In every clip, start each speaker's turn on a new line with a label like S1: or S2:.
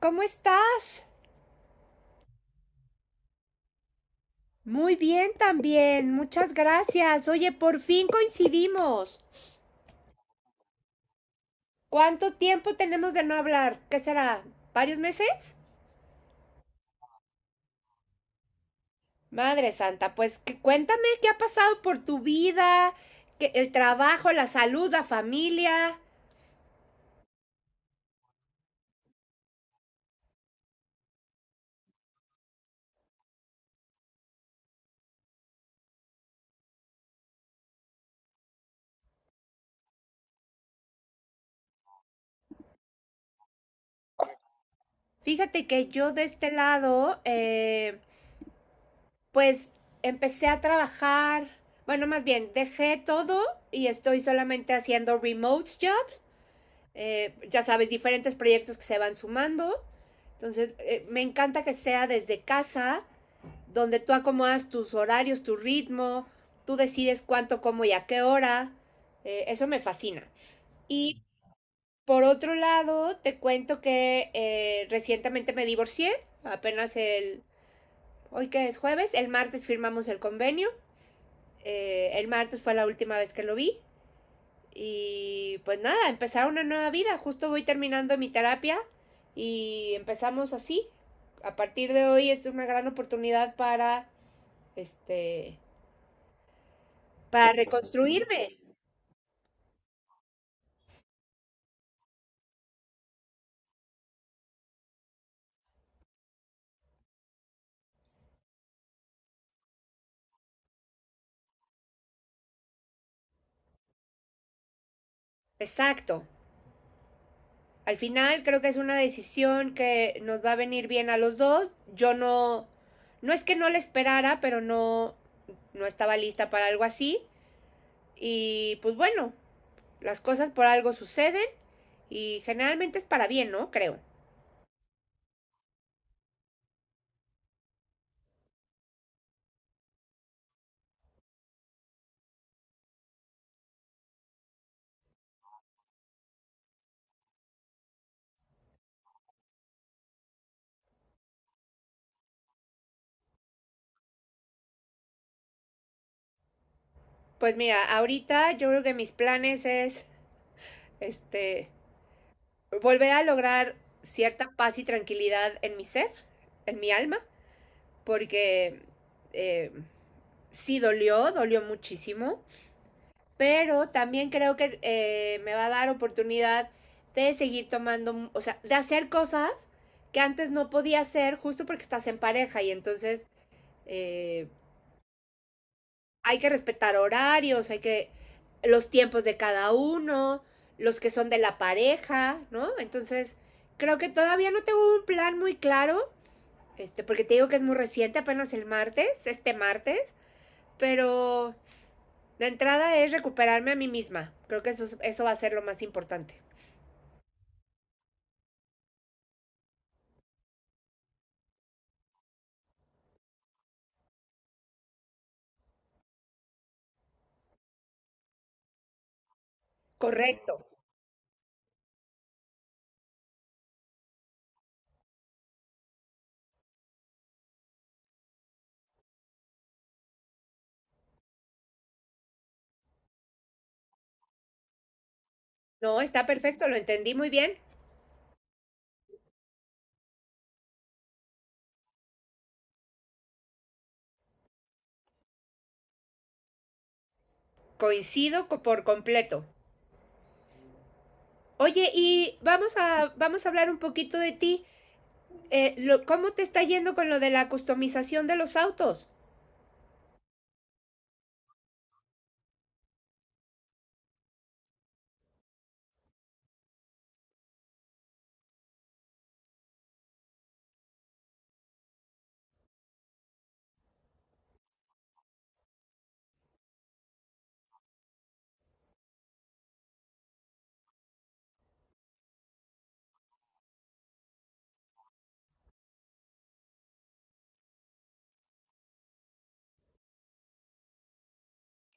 S1: ¿Cómo estás? Muy bien también, muchas gracias. Oye, por fin coincidimos. ¿Cuánto tiempo tenemos de no hablar? ¿Qué será? ¿Varios meses? Madre Santa, cuéntame qué ha pasado por tu vida, el trabajo, la salud, la familia. Fíjate que yo de este lado, pues empecé a trabajar, bueno, más bien, dejé todo y estoy solamente haciendo remote job. Ya sabes, diferentes proyectos que se van sumando. Entonces, me encanta que sea desde casa, donde tú acomodas tus horarios, tu ritmo, tú decides cuánto, cómo y a qué hora. Eso me fascina. Y por otro lado, te cuento que recientemente me divorcié, apenas el, hoy que es jueves, el martes firmamos el convenio. El martes fue la última vez que lo vi. Y pues nada, empezar una nueva vida. Justo voy terminando mi terapia y empezamos así. A partir de hoy es una gran oportunidad para, este, para reconstruirme. Exacto. Al final creo que es una decisión que nos va a venir bien a los dos. Yo no, no es que no la esperara, no estaba lista para algo así. Y pues bueno, las cosas por algo suceden y generalmente es para bien, ¿no? Creo. Pues mira, ahorita yo creo que mis planes es este volver a lograr cierta paz y tranquilidad en mi ser, en mi alma, porque eh, sí dolió, dolió muchísimo, pero también creo que me va a dar oportunidad de seguir tomando, o sea, de hacer cosas que antes no podía hacer justo porque estás en pareja y entonces eh, hay que respetar horarios, hay que los tiempos de cada uno, los que son de la pareja, ¿no? Entonces, creo que todavía no tengo un plan muy claro, porque te digo que es muy reciente, apenas el martes, este martes, pero la entrada es recuperarme a mí misma. Creo que eso, eso va a ser lo más importante. Correcto. No, está perfecto, lo entendí muy bien. Por completo. Oye, y vamos a hablar un poquito de ti. ¿Cómo te está yendo con lo de la customización de los autos?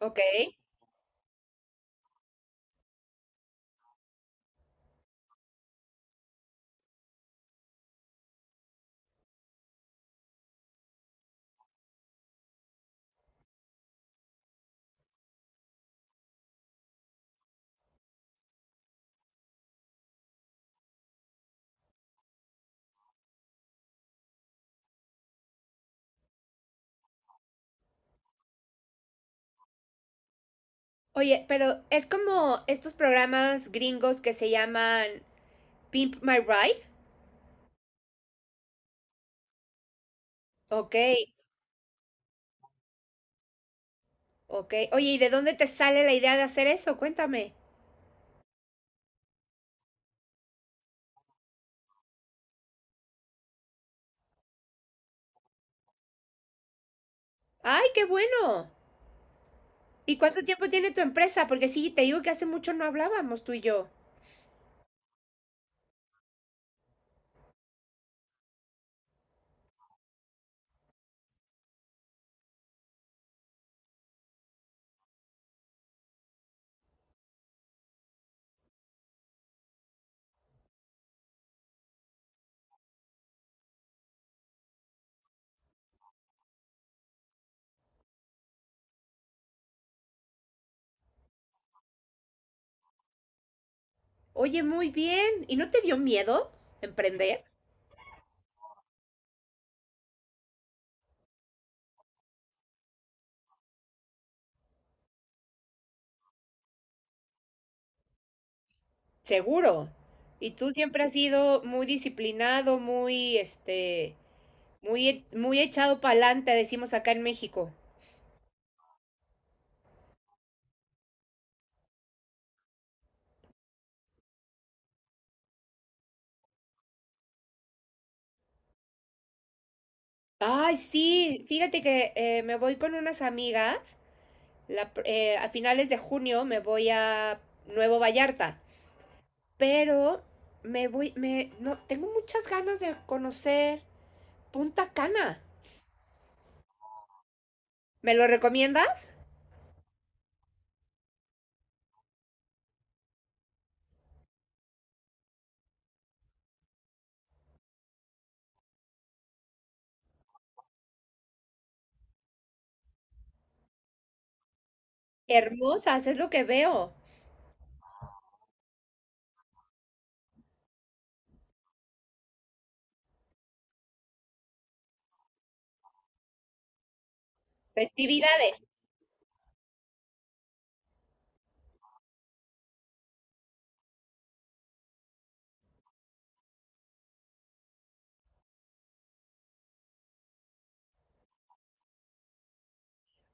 S1: Ok. Oye, pero es como estos programas gringos que se llaman Pimp My Ride. Ok. Ok. Oye, ¿y de dónde te sale la idea de hacer eso? Cuéntame. ¡Ay, qué bueno! ¿Y cuánto tiempo tiene tu empresa? Porque sí, te digo que hace mucho no hablábamos tú y yo. Oye, muy bien. ¿Y no te dio miedo emprender? Seguro. Y tú siempre has sido muy disciplinado, muy, muy echado para adelante, decimos acá en México. Ay, sí, fíjate que me voy con unas amigas. A finales de junio me voy a Nuevo Vallarta. Pero me voy, me, no, tengo muchas ganas de conocer Punta Cana. ¿Me lo recomiendas? Hermosas, es lo que veo. Festividades.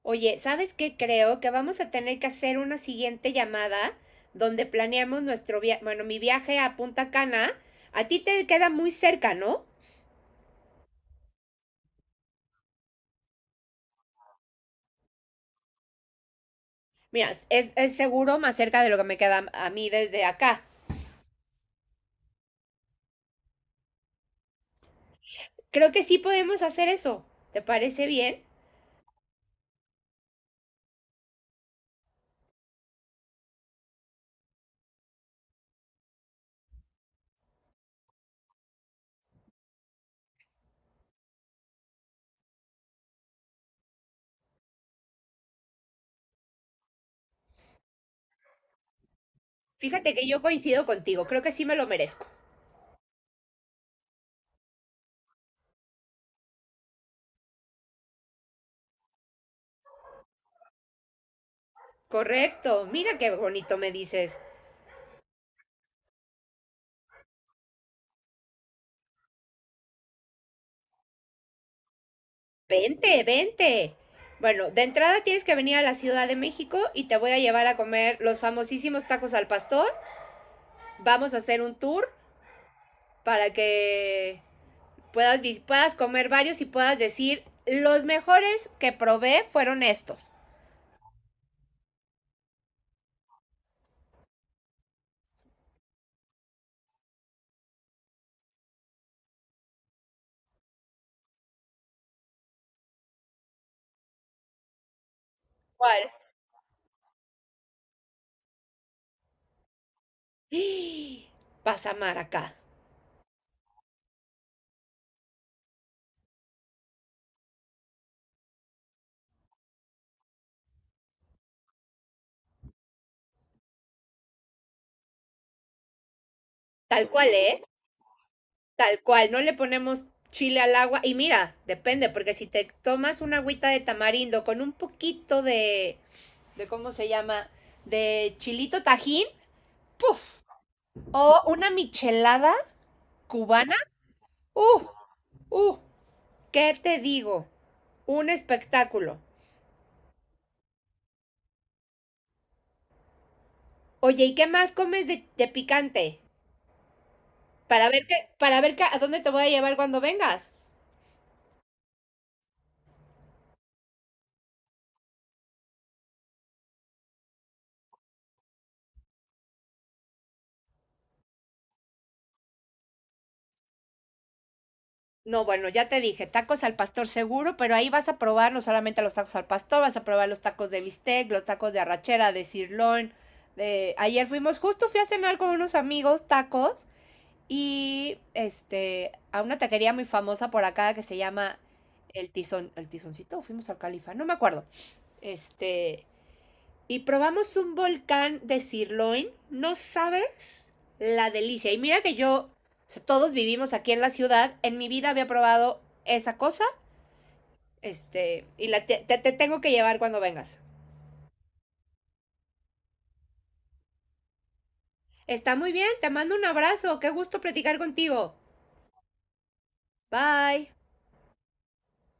S1: Oye, ¿sabes qué? Creo que vamos a tener que hacer una siguiente llamada donde planeamos nuestro viaje, bueno, mi viaje a Punta Cana. A ti te queda muy cerca, ¿no? Mira, es seguro más cerca de lo que me queda a mí desde acá. Creo que sí podemos hacer eso. ¿Te parece bien? Fíjate que yo coincido contigo, creo que sí me lo merezco. Correcto, mira qué bonito me dices. Vente, vente. Bueno, de entrada tienes que venir a la Ciudad de México y te voy a llevar a comer los famosísimos tacos al pastor. Vamos a hacer un tour para que puedas comer varios y puedas decir, los mejores que probé fueron estos. ¿Cuál? Vas a amar acá. Tal cual, ¿eh? Tal cual, no le ponemos chile al agua. Y mira, depende, porque si te tomas una agüita de tamarindo con un poquito de, ¿cómo se llama? De chilito tajín, ¡puf! O una michelada cubana, ¡uh! ¡Uh! ¿Qué te digo? Un espectáculo. Oye, ¿y qué más comes de picante? Para ver para ver a dónde te voy a llevar cuando vengas. No, bueno, ya te dije, tacos al pastor seguro, pero ahí vas a probar no solamente los tacos al pastor, vas a probar los tacos de bistec, los tacos de arrachera, de cirlón. De... Ayer fuimos, justo fui a cenar con unos amigos tacos y este a una taquería muy famosa por acá que se llama El Tizón, El Tizoncito, fuimos al Califa, no me acuerdo. Este, y probamos un volcán de sirloin, no sabes la delicia. Y mira que yo, o sea, todos vivimos aquí en la ciudad, en mi vida había probado esa cosa, este, y te tengo que llevar cuando vengas. Está muy bien, te mando un abrazo, qué gusto platicar contigo. Bye.